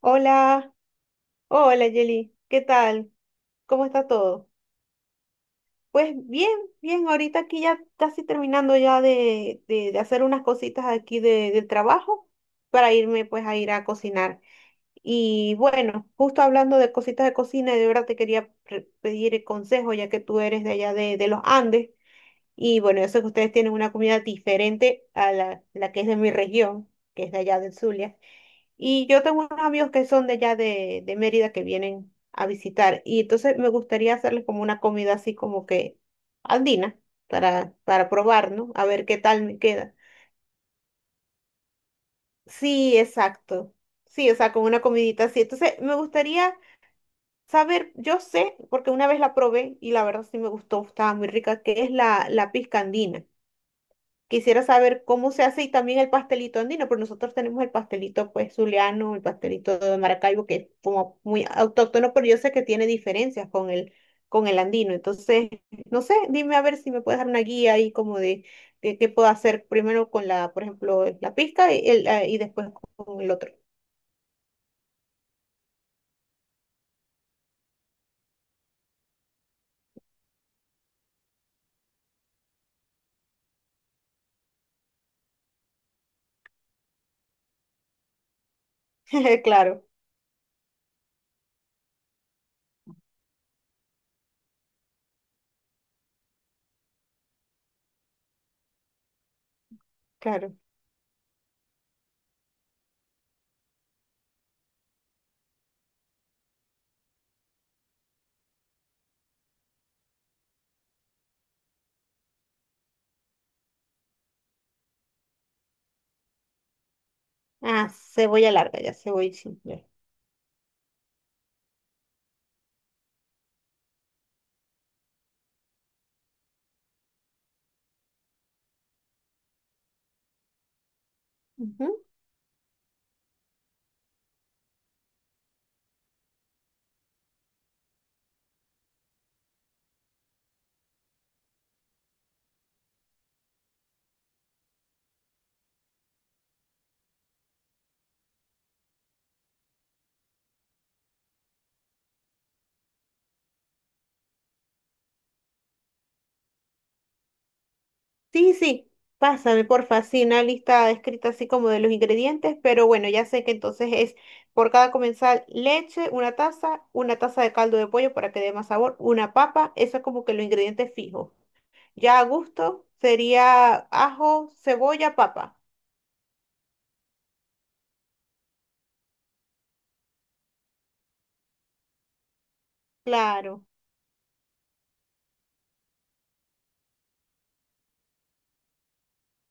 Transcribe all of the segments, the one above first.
Hola, hola Yeli, ¿qué tal? ¿Cómo está todo? Pues bien, bien, ahorita aquí ya casi terminando ya de hacer unas cositas aquí de, del trabajo para irme pues a ir a cocinar. Y bueno, justo hablando de cositas de cocina, de verdad te quería pedir el consejo ya que tú eres de allá de los Andes y bueno, yo sé que ustedes tienen una comida diferente a la que es de mi región, que es de allá del Zulia. Y yo tengo unos amigos que son de allá de Mérida que vienen a visitar. Y entonces me gustaría hacerles como una comida así como que andina para probar, ¿no? A ver qué tal me queda. Sí, exacto. Sí, o sea, como una comidita así. Entonces me gustaría saber, yo sé, porque una vez la probé y la verdad sí me gustó, estaba muy rica, que es la pisca andina. Quisiera saber cómo se hace y también el pastelito andino, pero nosotros tenemos el pastelito pues zuliano, el pastelito de Maracaibo, que es como muy autóctono, pero yo sé que tiene diferencias con el andino. Entonces, no sé, dime a ver si me puedes dar una guía ahí como de qué puedo hacer primero con la, por ejemplo, la pizca y, y después con el otro. Claro, claro. Ah, cebolla larga, ya cebolla simple. Ujú. Sí, sí, pásame porfa, sí, una lista escrita así como de los ingredientes, pero bueno, ya sé que entonces es por cada comensal leche, una taza de caldo de pollo para que dé más sabor, una papa, eso es como que los ingredientes fijos. Ya a gusto sería ajo, cebolla, papa. Claro,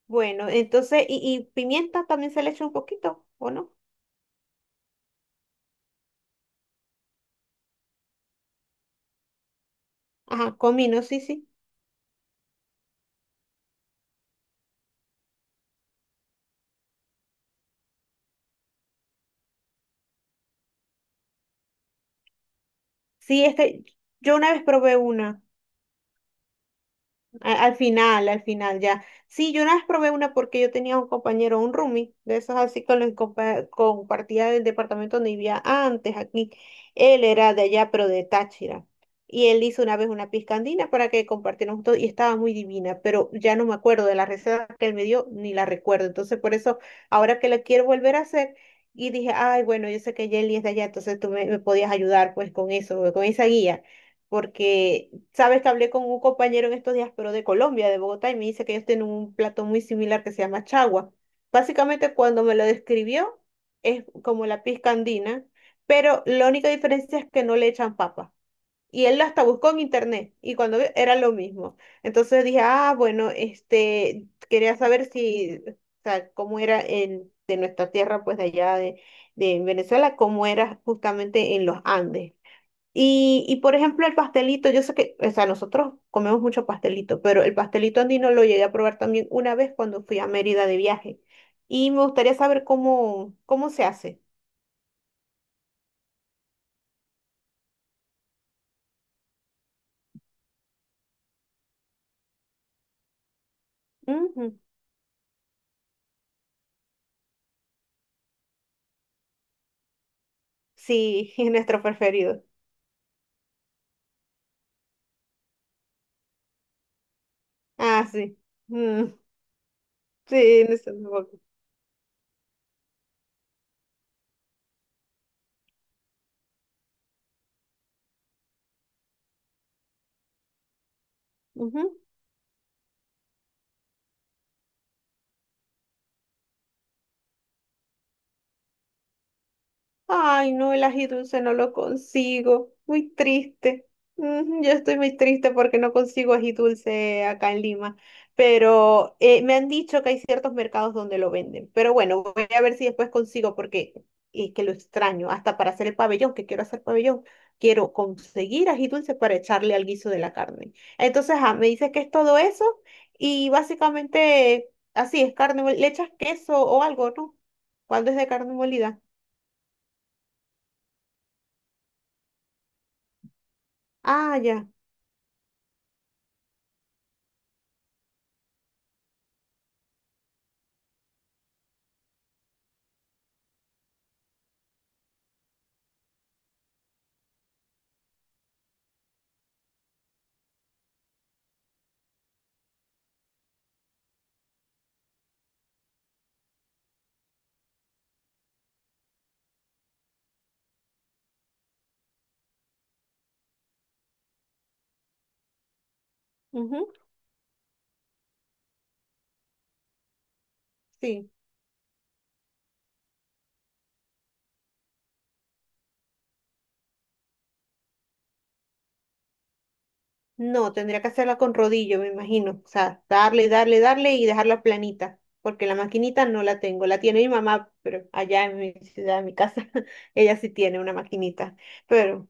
bueno, entonces, y pimienta también se le echa un poquito, ¿o no? Ajá, comino, sí, sí. Sí, es que yo una vez probé una. Al final, ya. Sí, yo una vez probé una porque yo tenía un compañero, un roomie, de esos así con los que compartía del departamento donde vivía antes aquí. Él era de allá, pero de Táchira. Y él hizo una vez una piscandina para que compartiéramos todo y estaba muy divina, pero ya no me acuerdo de la receta que él me dio, ni la recuerdo. Entonces, por eso, ahora que la quiero volver a hacer, y dije, ay, bueno, yo sé que Jelly es de allá, entonces tú me, me podías ayudar pues con eso, con esa guía porque sabes que hablé con un compañero en estos días, pero de Colombia, de Bogotá, y me dice que ellos tienen un plato muy similar que se llama chagua. Básicamente, cuando me lo describió, es como la pizca andina, pero la única diferencia es que no le echan papa. Y él hasta buscó en internet, y cuando vio, era lo mismo. Entonces dije, ah, bueno, este, quería saber si, o sea, cómo era en, de nuestra tierra, pues de allá de Venezuela, cómo era justamente en los Andes. Y por ejemplo, el pastelito, yo sé que, o sea, nosotros comemos mucho pastelito, pero el pastelito andino lo llegué a probar también una vez cuando fui a Mérida de viaje. Y me gustaría saber cómo, cómo se hace. Ujú. Sí, es nuestro preferido. Ah, sí. Mm, sí, nuestro favorito. Ay, no, el ají dulce no lo consigo. Muy triste. Mm, yo estoy muy triste porque no consigo ají dulce acá en Lima. Pero me han dicho que hay ciertos mercados donde lo venden. Pero bueno, voy a ver si después consigo porque es que lo extraño. Hasta para hacer el pabellón, que quiero hacer pabellón, quiero conseguir ají dulce para echarle al guiso de la carne. Entonces, ah, me dices que es todo eso y básicamente así es carne, le echas queso o algo, ¿no? Cuando es de carne molida. Ah, ya. Ujú, sí. No, tendría que hacerla con rodillo, me imagino. O sea, darle, darle, darle y dejarla planita, porque la maquinita no la tengo. La tiene mi mamá, pero allá en mi ciudad, en mi casa, ella sí tiene una maquinita. Pero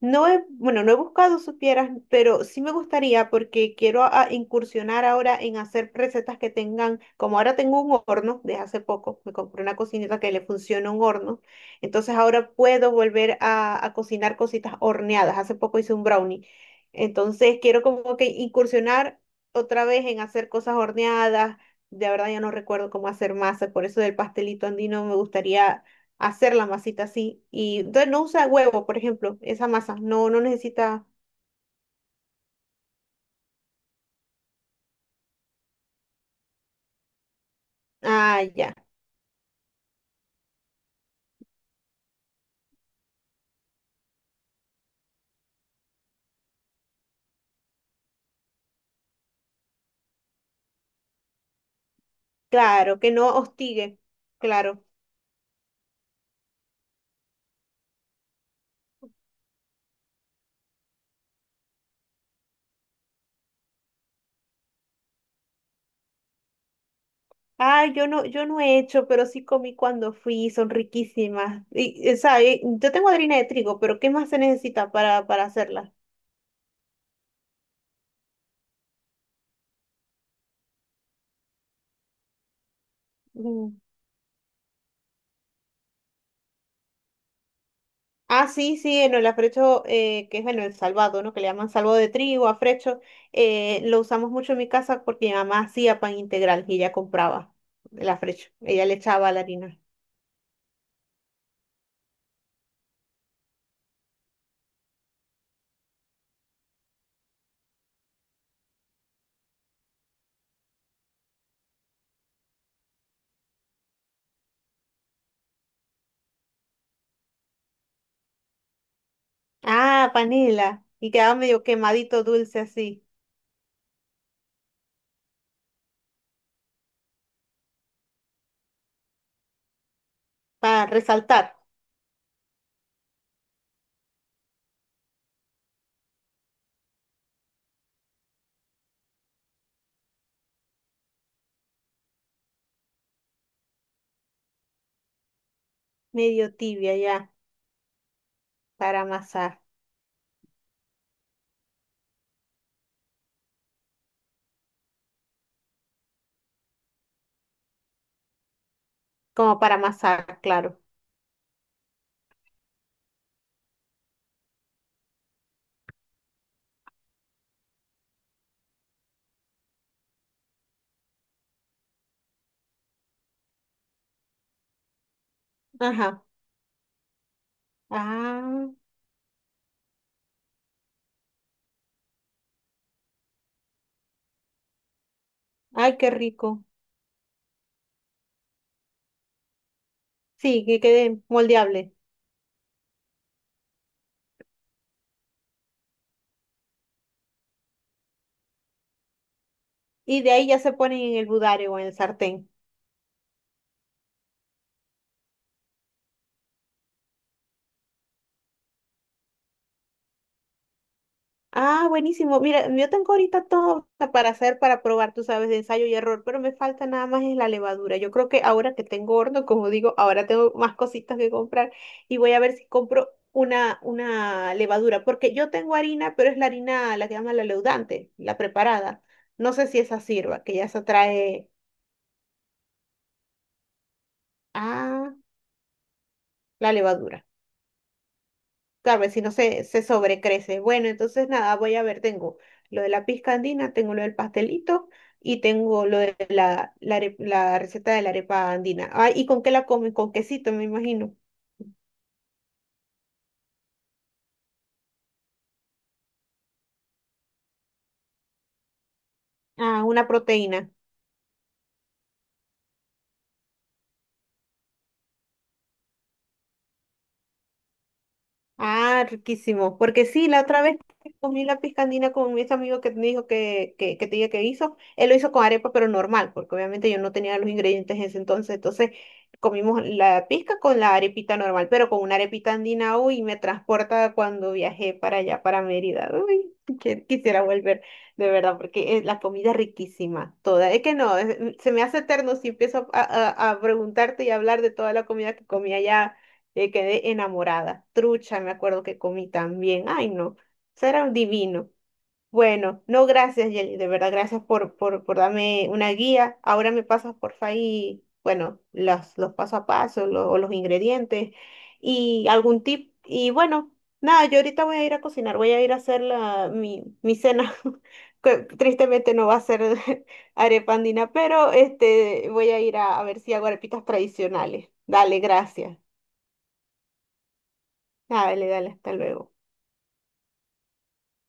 no he, bueno, no he buscado, supieras, pero sí me gustaría porque quiero a incursionar ahora en hacer recetas que tengan, como ahora tengo un horno de hace poco, me compré una cocineta que le funciona un horno, entonces ahora puedo volver a cocinar cositas horneadas. Hace poco hice un brownie, entonces quiero como que incursionar otra vez en hacer cosas horneadas. De verdad ya no recuerdo cómo hacer masa, por eso del pastelito andino me gustaría hacer la masita así. Y entonces no usa huevo, por ejemplo, esa masa. No, no necesita. Ah, ya. Claro, que no hostigue. Claro. Ah, yo no, yo no he hecho, pero sí comí cuando fui, son riquísimas. Y, sabe, yo tengo harina de trigo, pero ¿qué más se necesita para hacerla? Mm. Ah, sí, sí, en el afrecho, que es bueno, el salvado, ¿no? Que le llaman salvado de trigo, afrecho. Eh, lo usamos mucho en mi casa porque mi mamá hacía pan integral y ella compraba el afrecho. Ella le echaba la harina. Ah, panela. Y quedaba medio quemadito dulce así, para resaltar. Medio tibia ya, para amasar. Como para amasar, claro. Ajá. Ah, ay, qué rico. Sí, que quede moldeable. Y de ahí ya se ponen en el budare o en el sartén. Ah, buenísimo. Mira, yo tengo ahorita todo para hacer, para probar, tú sabes, de ensayo y error, pero me falta nada más es la levadura. Yo creo que ahora que tengo horno, como digo, ahora tengo más cositas que comprar y voy a ver si compro una levadura, porque yo tengo harina, pero es la harina, la que llaman la leudante, la preparada. No sé si esa sirva, que ya se trae, ah, la levadura. Claro, si no se, se sobrecrece. Bueno, entonces nada, voy a ver, tengo lo de la pizca andina, tengo lo del pastelito y tengo lo de la, la, la receta de la arepa andina. Ah, ¿y con qué la comen? Con quesito, me imagino. Ah, una proteína. Ah, riquísimo. Porque sí, la otra vez que comí la piscandina con ese amigo que me dijo que te dije que hizo. Él lo hizo con arepa, pero normal, porque obviamente yo no tenía los ingredientes en ese entonces. Entonces comimos la pizca con la arepita normal, pero con una arepita andina, uy, me transporta a cuando viajé para allá, para Mérida. Uy, que quisiera volver, de verdad, porque la comida es riquísima, toda. Es que no, se me hace eterno si empiezo a preguntarte y a hablar de toda la comida que comí allá quedé enamorada. Trucha, me acuerdo que comí también. Ay, no, eso era un divino. Bueno, no, gracias, Yeli, de verdad, gracias por darme una guía. Ahora me pasas, porfa, ahí, bueno, los paso a paso, o los ingredientes y algún tip. Y bueno, nada, yo ahorita voy a ir a cocinar, voy a ir a hacer la, mi cena. Que tristemente no va a ser arepa andina, pero este, voy a ir a ver si hago arepitas tradicionales. Dale, gracias. Ah, dale, dale, hasta luego.